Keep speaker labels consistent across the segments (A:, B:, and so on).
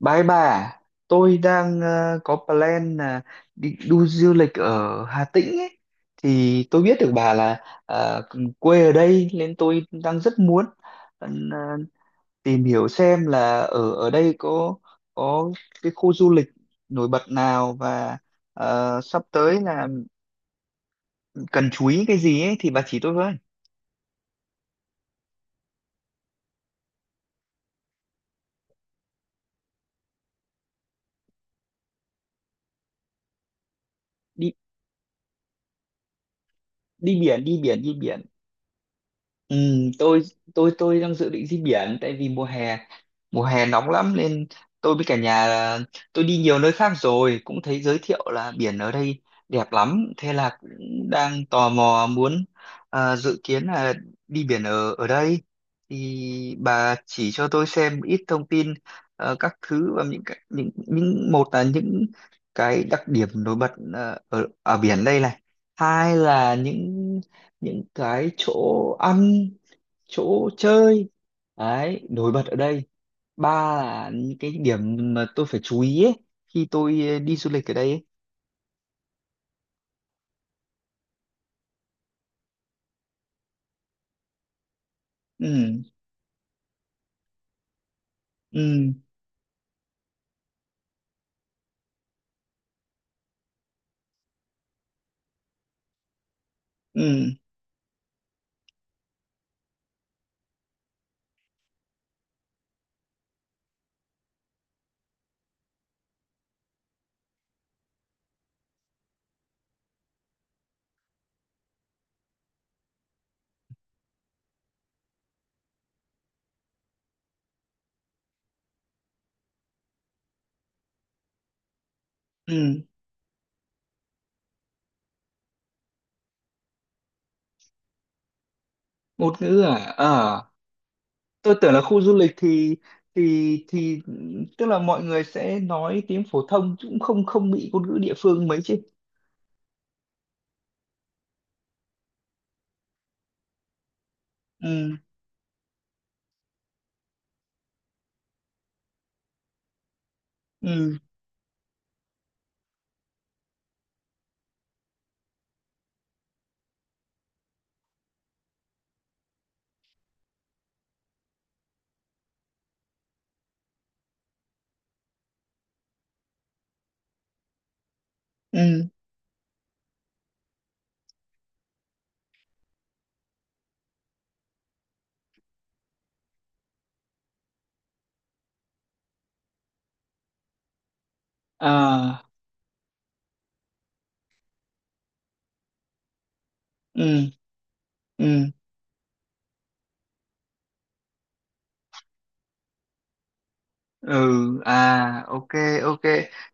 A: Bái bà, tôi đang có plan là đi du lịch ở Hà Tĩnh ấy. Thì tôi biết được bà là ờ, quê ở đây nên tôi đang rất muốn ờ, tìm hiểu xem là ở ở đây có có cái khu du lịch nổi bật nào và sắp tới là cần chú ý cái gì ấy thì bà chỉ tôi với. Đi Đi biển, đi biển, đi biển. Ừ, tôi tôi tôi đang dự định đi biển tại vì mùa hè nóng lắm nên tôi với cả nhà là- tôi đi nhiều nơi khác rồi cũng thấy giới thiệu là biển ở đây đẹp lắm, thế là cũng đang tò mò muốn, dự kiến là đi biển ở ở đây. Thì bà chỉ cho tôi xem ít thông tin các thứ. Và những một là những cái đặc điểm nổi bật ở ở biển đây này, hai là những cái chỗ ăn chỗ chơi đấy nổi bật ở đây, ba là những cái điểm mà tôi phải chú ý ấy, khi tôi đi du lịch ở đây ấy. Ừ. Ừ. Ừ. Ừ. Ngôn ngữ à? Ờ, tôi tưởng là khu du lịch thì thì tức là mọi người sẽ nói tiếng phổ thông chứ cũng không không bị ngôn ngữ địa phương mấy chứ. Ừ. Ừ. Ừ. À. Ừ. Ừ. Ừ. À, ok. Ok,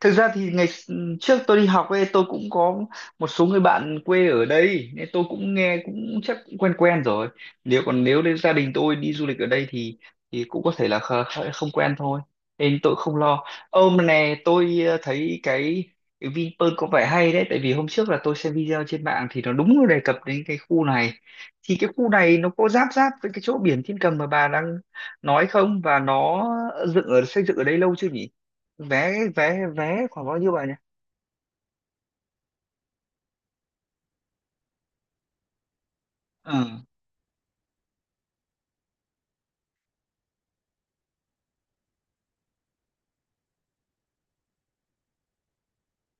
A: thực ra thì trước tôi đi học ấy, tôi cũng có một số người bạn quê ở đây nên tôi cũng nghe cũng chắc cũng quen quen rồi. Nếu còn nếu đến gia đình tôi đi du lịch ở đây thì cũng có thể là không quen thôi, nên tôi không lo. Ôm này, tôi thấy cái Vinpearl có vẻ hay đấy, tại vì hôm trước là tôi xem video trên mạng thì nó đúng đề cập đến cái khu này. Thì cái khu này nó có giáp giáp với cái chỗ biển Thiên Cầm mà bà đang nói không, và nó dựng ở xây dựng ở đây lâu chưa nhỉ? Vé vé Vé khoảng bao nhiêu bà nhỉ? Ừ.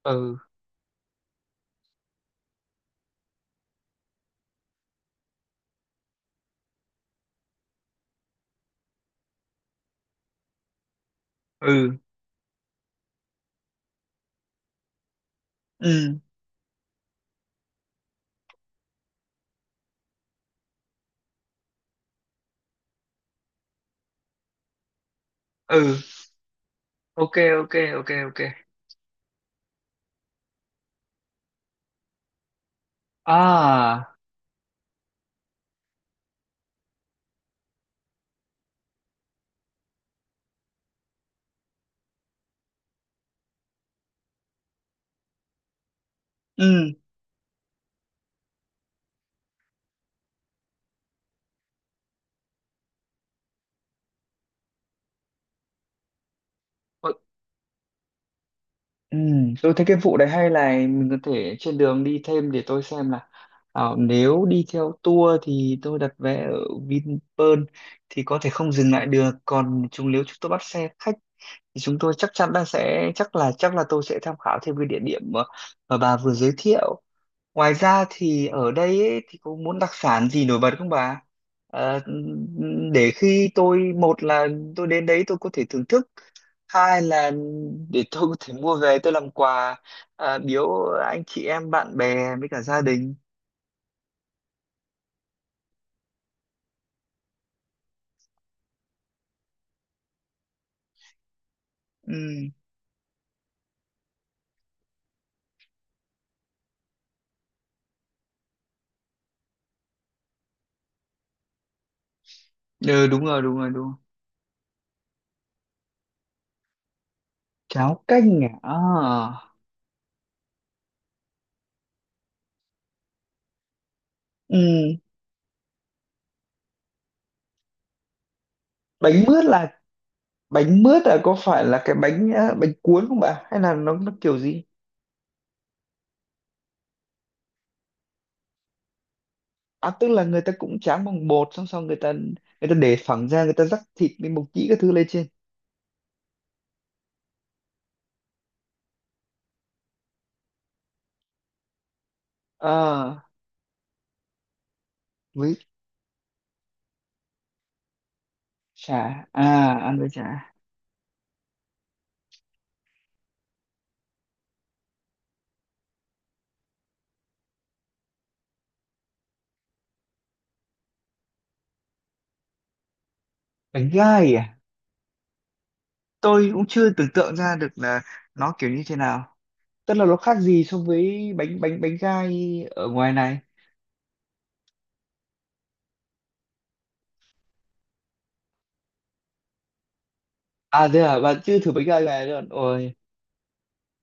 A: Ừ. Ừ. Ừ. Ừ. Ok. Ok. Ok. Ok. À. Ừ. Ừ. Ừ. Tôi thấy cái vụ đấy hay, là mình có thể trên đường đi thêm. Để tôi xem là nếu đi theo tour thì tôi đặt vé ở Vinpearl thì có thể không dừng lại được, còn nếu chúng tôi bắt xe khách thì chúng tôi chắc chắn là sẽ, chắc là tôi sẽ tham khảo thêm cái địa điểm mà bà vừa giới thiệu. Ngoài ra thì ở đây ấy, thì có muốn đặc sản gì nổi bật không bà? Ờ, để khi tôi, một là tôi đến đấy tôi có thể thưởng thức, hai là để tôi có thể mua về tôi làm quà, biếu anh chị em bạn bè với cả gia đình. Ừ. Ừ, đúng rồi, đúng rồi, đúng rồi. Cháo canh à? À. Ừ. bánh mướt là Bánh mướt là có phải là cái bánh bánh cuốn không bà, hay là nó kiểu gì? À, tức là người ta cũng tráng bằng bột, xong xong người ta để phẳng ra, người ta rắc thịt với mộc nhĩ các thứ lên trên. À, với chả. À, ăn với chả. Bánh gai à? Tôi cũng chưa tưởng tượng ra được là nó kiểu như thế nào, tức là nó khác gì so với bánh bánh bánh gai ở ngoài này. À thế à? Bạn chưa thử bánh gai này rồi. Ôi,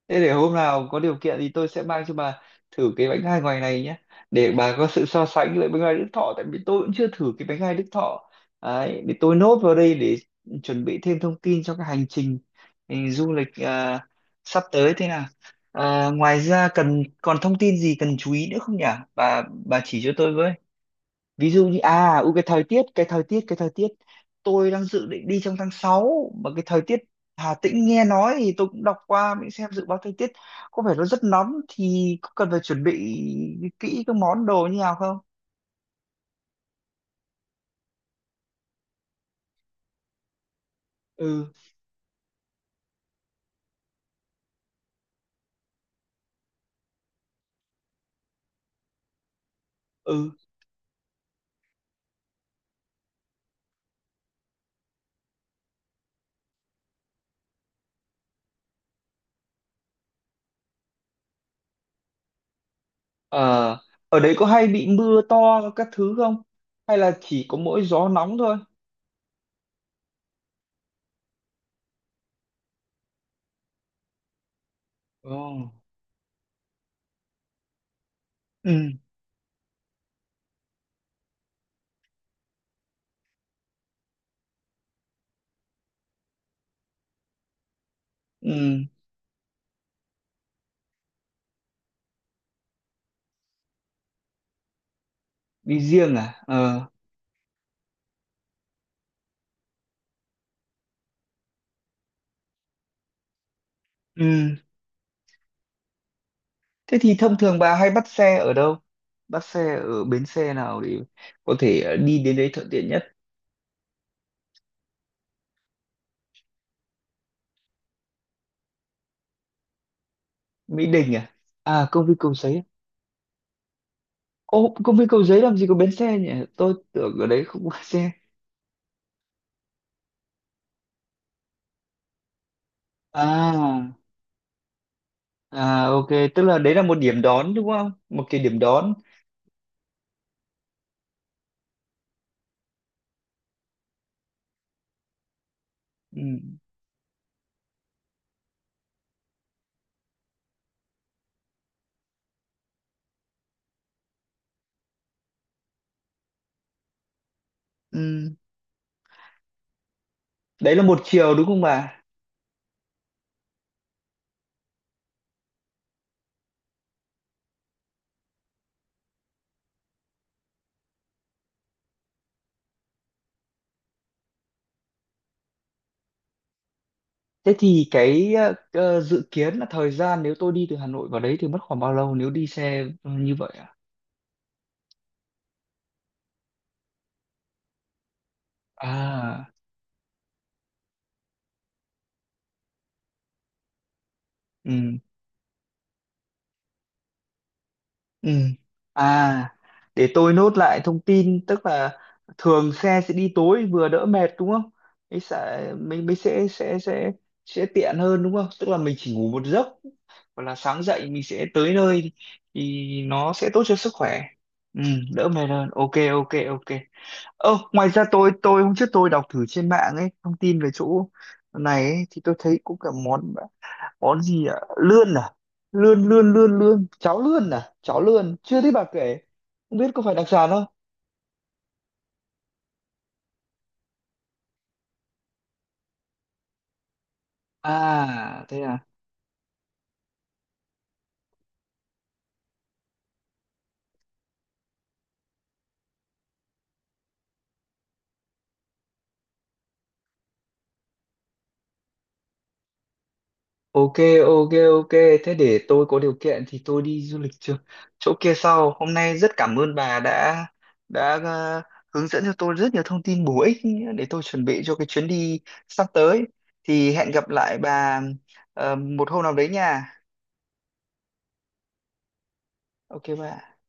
A: thế để hôm nào có điều kiện thì tôi sẽ mang cho bà thử cái bánh gai ngoài này nhé, để bà có sự so sánh với bánh gai Đức Thọ, tại vì tôi cũng chưa thử cái bánh gai Đức Thọ. Đấy, để tôi nốt vào đây để chuẩn bị thêm thông tin cho cái hành trình du lịch sắp tới thế nào. À, ngoài ra còn thông tin gì cần chú ý nữa không nhỉ, bà chỉ cho tôi với. Ví dụ như cái thời tiết, cái thời tiết. Tôi đang dự định đi trong tháng 6 mà cái thời tiết Hà Tĩnh nghe nói, thì tôi cũng đọc qua mình xem dự báo thời tiết có vẻ nó rất nóng, thì có cần phải chuẩn bị kỹ các món đồ như nào không? Ừ. Ừ. Ờ, ở đấy có hay bị mưa to các thứ không, hay là chỉ có mỗi gió nóng thôi? Ồ. Ừ. Ừ. Đi riêng à? Ờ. Ừ. Thế thì thông thường bà hay bắt xe ở đâu? Bắt xe ở bến xe nào để có thể đi đến đấy thuận tiện nhất? Mỹ Đình à? À, công viên Cầu Giấy. Ô, công viên Cầu Giấy làm gì có bến xe nhỉ? Tôi tưởng ở đấy không có xe. À. À, ok, tức là đấy là một điểm đón đúng không? Một cái điểm đón. Ừ. Ừ. Đấy là một chiều đúng không bà? Thế thì ờ, dự kiến là thời gian nếu tôi đi từ Hà Nội vào đấy thì mất khoảng bao lâu nếu đi xe như vậy à? À. Ừ. Ừ. À, để tôi nốt lại thông tin, tức là thường xe sẽ đi tối vừa đỡ mệt đúng không? Mới sẽ mình mới sẽ tiện hơn đúng không? Tức là mình chỉ ngủ một giấc hoặc là sáng dậy mình sẽ tới nơi, thì nó sẽ tốt cho sức khỏe. Ừ, đỡ mệt hơn. Ok, ok, ok. Ơ, ngoài ra tôi hôm trước tôi đọc thử trên mạng ấy thông tin về chỗ này ấy, thì tôi thấy cũng cả món, món gì ạ, lươn à, lươn lươn lươn lươn cháo lươn. À, cháo lươn chưa thấy bà kể, không biết có phải đặc sản không. À thế à? Ok. Ok, ok, thế để tôi có điều kiện thì tôi đi du lịch trước, chỗ kia sau. Hôm nay rất cảm ơn bà đã đã ờ, hướng dẫn cho tôi rất nhiều thông tin bổ ích để tôi chuẩn bị cho cái chuyến đi sắp tới. Thì hẹn gặp lại bà một hôm nào đấy nha. Ok bà.